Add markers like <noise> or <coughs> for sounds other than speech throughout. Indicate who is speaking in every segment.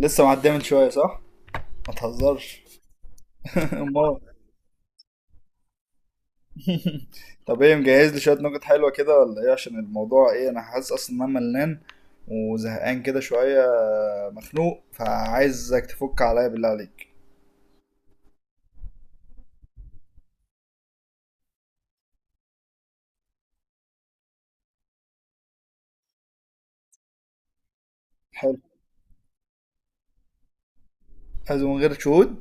Speaker 1: لسه معديه من شويه صح؟ ما تهزرش. <laughs> امال؟ <laughs> طب ايه، مجهز لي شويه نكت حلوه كده ولا ايه؟ عشان الموضوع ايه، انا حاسس اصلا ان انا ملان وزهقان كده شويه، مخنوق، فعايزك تفك عليا بالله عليك. حلو، عايزه من غير شهود.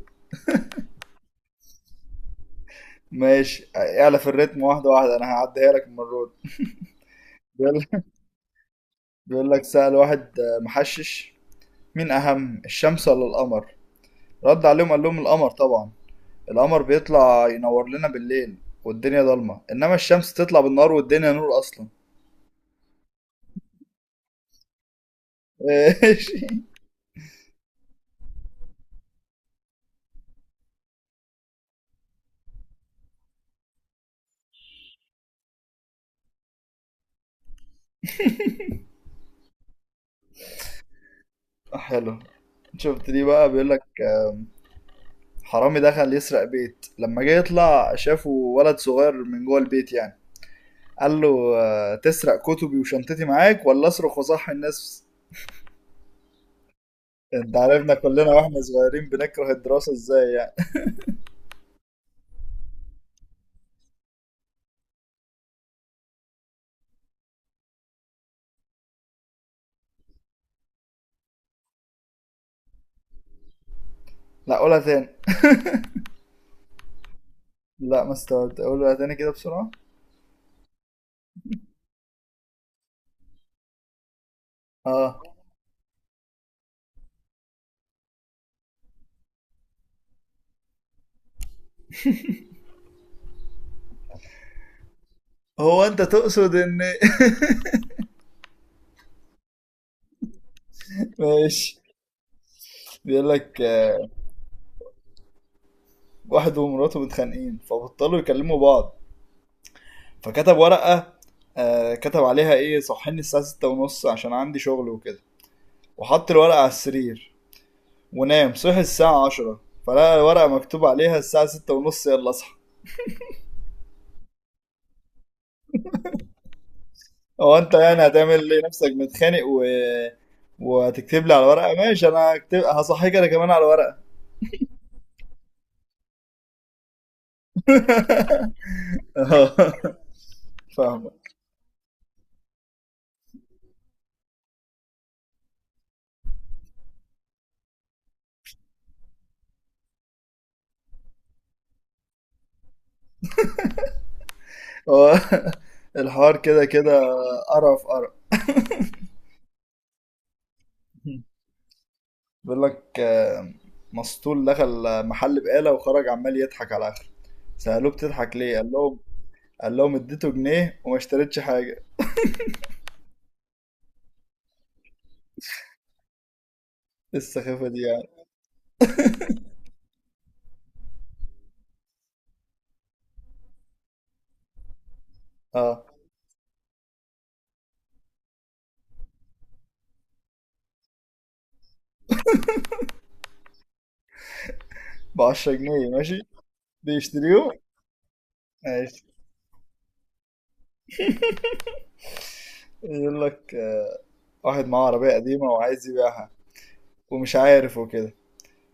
Speaker 1: ماشي، اعلى في الريتم واحده واحده، انا هعديها لك المره دي. بيقول بيقول لك سأل واحد محشش، مين اهم الشمس ولا القمر؟ رد عليهم قال لهم القمر طبعا، القمر بيطلع ينور لنا بالليل والدنيا ضلمة، انما الشمس تطلع بالنهار والدنيا نور اصلا. <laughs> ماشي. حلو. شفت دي بقى. بيقول لك حرامي دخل يسرق بيت، لما جه يطلع شافه ولد صغير من جوه البيت يعني، قال له تسرق كتبي وشنطتي معاك ولا اصرخ وصحي الناس؟ انت عارفنا كلنا واحنا صغيرين بنكره الدراسة ازاي يعني. لا قولها تاني. لا، ما استوعبت، قولها تاني كده بسرعة. اه. هو انت تقصد ان. <laughs> ماشي. بيقول لك واحد ومراته متخانقين فبطلوا يكلموا بعض، فكتب ورقة آه كتب عليها ايه، صحيني الساعة ستة ونص عشان عندي شغل وكده. وحط الورقة على السرير ونام. صحي الساعة عشرة فلقى الورقة مكتوب عليها الساعة ستة ونص يلا اصحى. هو انت يعني هتعمل ليه نفسك متخانق و... وهتكتب لي على ورقة؟ ماشي، انا هكتب هصحيك انا كمان على ورقة. <laughs> فاهمة. هو <laughs> الحوار كده كده، قرف قرف. بيقول لك مسطول دخل محل بقالة وخرج عمال يضحك على آخره، سألوه بتضحك ليه، قال لهم قال لهم اديته جنيه وما اشتريتش حاجة. إيه السخافة دي يعني! اه، ب 10 جنيه، ماشي، بيشتريهم. ماشي. يقول لك واحد معاه عربية قديمة وعايز يبيعها ومش عارف وكده،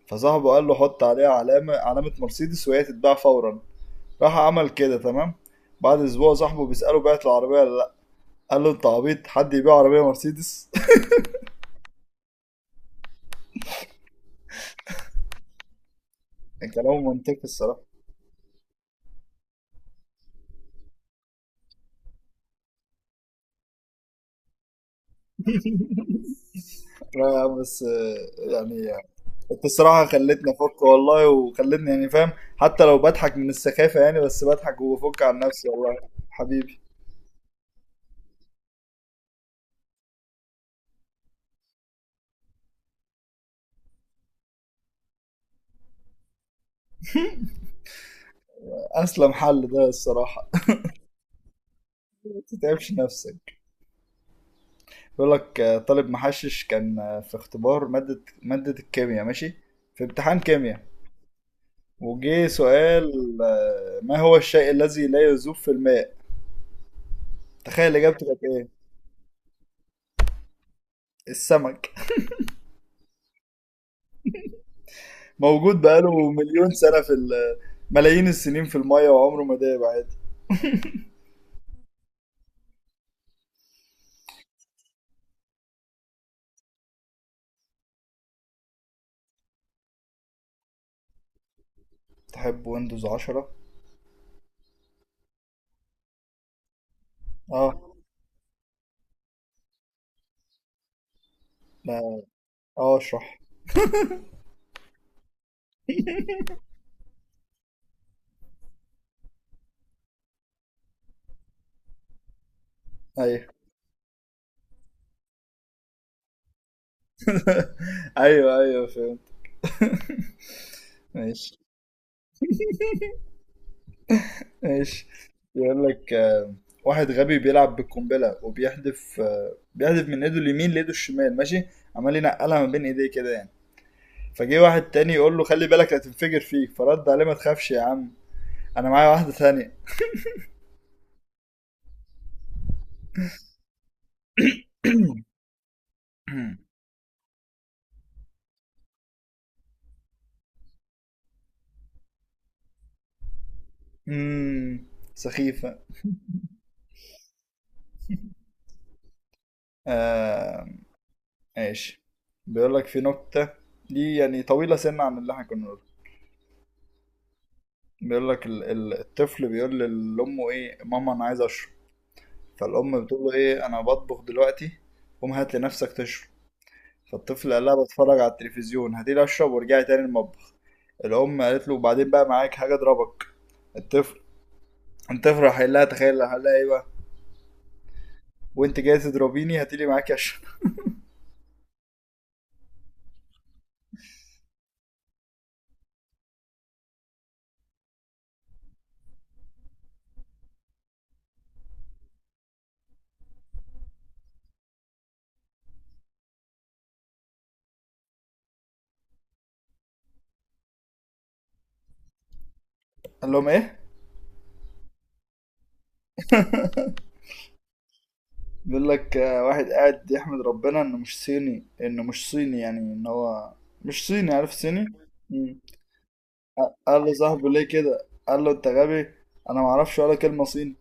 Speaker 1: فصاحبه قال له حط عليها علامة، علامة مرسيدس وهي تتباع فورا. راح عمل كده، تمام. بعد اسبوع صاحبه بيسأله بعت العربية ولا لا؟ قال له انت عبيط، حد يبيع عربية مرسيدس؟ كلام منطقي الصراحة. لا يا عم، بس يعني انت الصراحة خلتني افك والله، وخلتني يعني فاهم، حتى لو بضحك من السخافة يعني، بس بضحك وبفك عن نفسي والله حبيبي. اسلم حل ده الصراحة، ما تتعبش نفسك. بيقول لك طالب محشش كان في اختبار مادة الكيمياء، ماشي، في امتحان كيمياء. وجه سؤال ما هو الشيء الذي لا يذوب في الماء. تخيل اجابته كانت ايه؟ السمك. موجود بقاله مليون سنة في ملايين السنين في المية وعمره ما داب عادي. تحب ويندوز 10. اه، لا. اه، اشرح. ايوه. <laughs> ايوه ايوه فهمت. ماشي ماشي. يقول لك واحد غبي بيلعب بالقنبلة وبيحدف، بيحدف من ايده اليمين لايده الشمال، ماشي، عمال ينقلها ما بين ايديه كده يعني. فجه واحد تاني يقول له خلي بالك هتنفجر فيك، فرد عليه ما تخافش يا عم، انا معايا واحدة تانية. <clears throat> امم. سخيفة. آه، ماشي. بيقول لك في نكتة، دي يعني طويلة سنة عن اللي احنا كنا بنقوله. بيقول لك الطفل بيقول لأمه ايه ماما، أنا عايز أشرب. فالأم بتقول له ايه، أنا بطبخ دلوقتي، قوم هات لنفسك تشرب. فالطفل قال لها بتفرج على التلفزيون، هاتيلي أشرب وارجعي تاني المطبخ. الأم قالت له وبعدين بقى، معاك حاجة أضربك. الطفل الطفل راح قايل لها، تخيل، راح قال لها ايه بقى؟ وانت جاي تضربيني هاتيلي معاكي أشرب. قال لهم ايه؟ بيقول لك واحد قاعد يحمد ربنا انه مش صيني، انه مش صيني يعني، ان هو مش صيني. عارف صيني؟ مم. قال له صاحبه ليه كده؟ قال له انت غبي، انا ما اعرفش ولا كلمة صيني.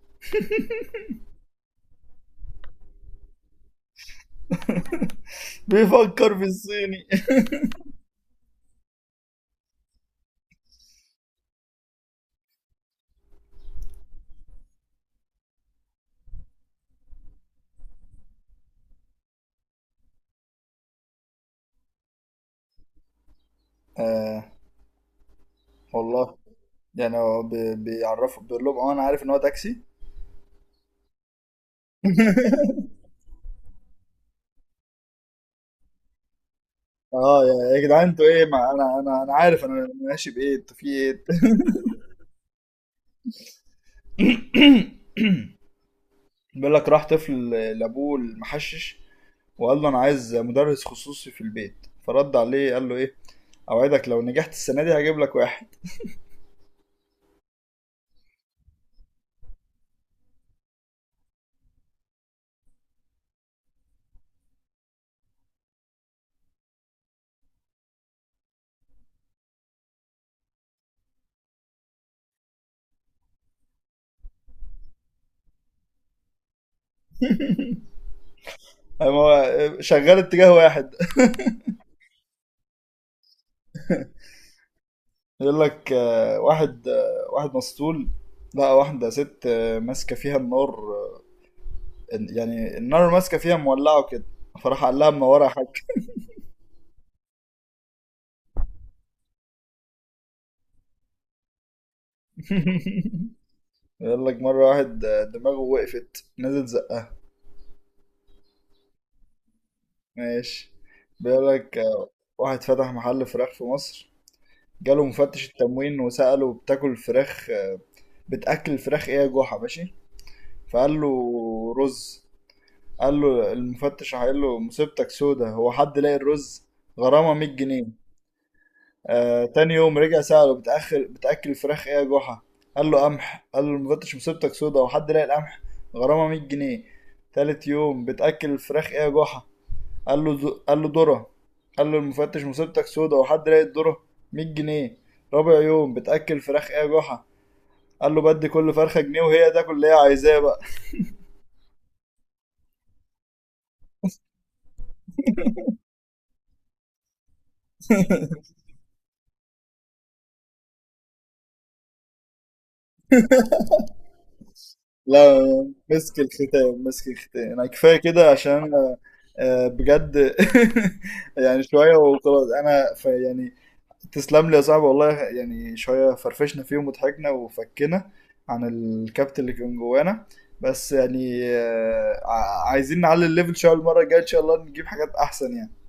Speaker 1: <laughs> بيفكر في الصيني. <laughs> آه والله يعني هو بيعرفه، بيقول لهم اه انا عارف ان هو تاكسي. اه يا يا جدعان، انتوا ايه؟ ما انا انا عارف انا ماشي بايه، انتوا في ايه؟ <laughs> <coughs> بيقول لك راح طفل لابوه المحشش، وقال له انا عايز مدرس خصوصي في البيت. فرد عليه قال له ايه، اوعدك لو نجحت السنه دي هجيب لك واحد. قام هو شغال اتجاه واحد. <laughs> يقول لك واحد واحد مسطول لقى واحده ست ماسكه فيها النار، يعني النار ماسكه فيها مولعه كده، فراح قال لها منوره يا حاج. <laughs> <applause> بيقول لك مره واحد دماغه وقفت، نزل زقها. ماشي. بيقول لك واحد فتح محل فراخ في مصر، جاله مفتش التموين وسأله بتاكل فراخ بتاكل الفراخ ايه يا جحا؟ ماشي. فقال له رز. قال له المفتش قال له مصيبتك سودا، هو حد لاقي الرز؟ غرامه 100 جنيه. آه، تاني يوم رجع سأله بتأخر بتأكل الفراخ ايه يا جحا؟ قال له قمح. قال له المفتش مصيبتك سودا، هو حد لاقي القمح؟ غرامه 100 جنيه. تالت يوم بتأكل الفراخ ايه يا جحا؟ قال له قال له ذره. قال له المفتش مصيبتك سودا، هو حد لاقي الذره؟ 100 جنيه. رابع يوم بتأكل الفراخ ايه يا جحا؟ قال له بدي كل فرخه جنيه وهي تاكل اللي هي عايزاه بقى. لا، مسك الختام مسك الختام، انا كفايه كده عشان أنا، بجد. <laughs> يعني شويه وخلاص انا ف يعني، تسلم لي يا صاحبي والله. يعني شويه فرفشنا فيهم وضحكنا وفكنا عن الكابت اللي كان جوانا. بس يعني عايزين نعلي الليفل شويه المره الجايه ان شاء الله نجيب حاجات احسن يعني.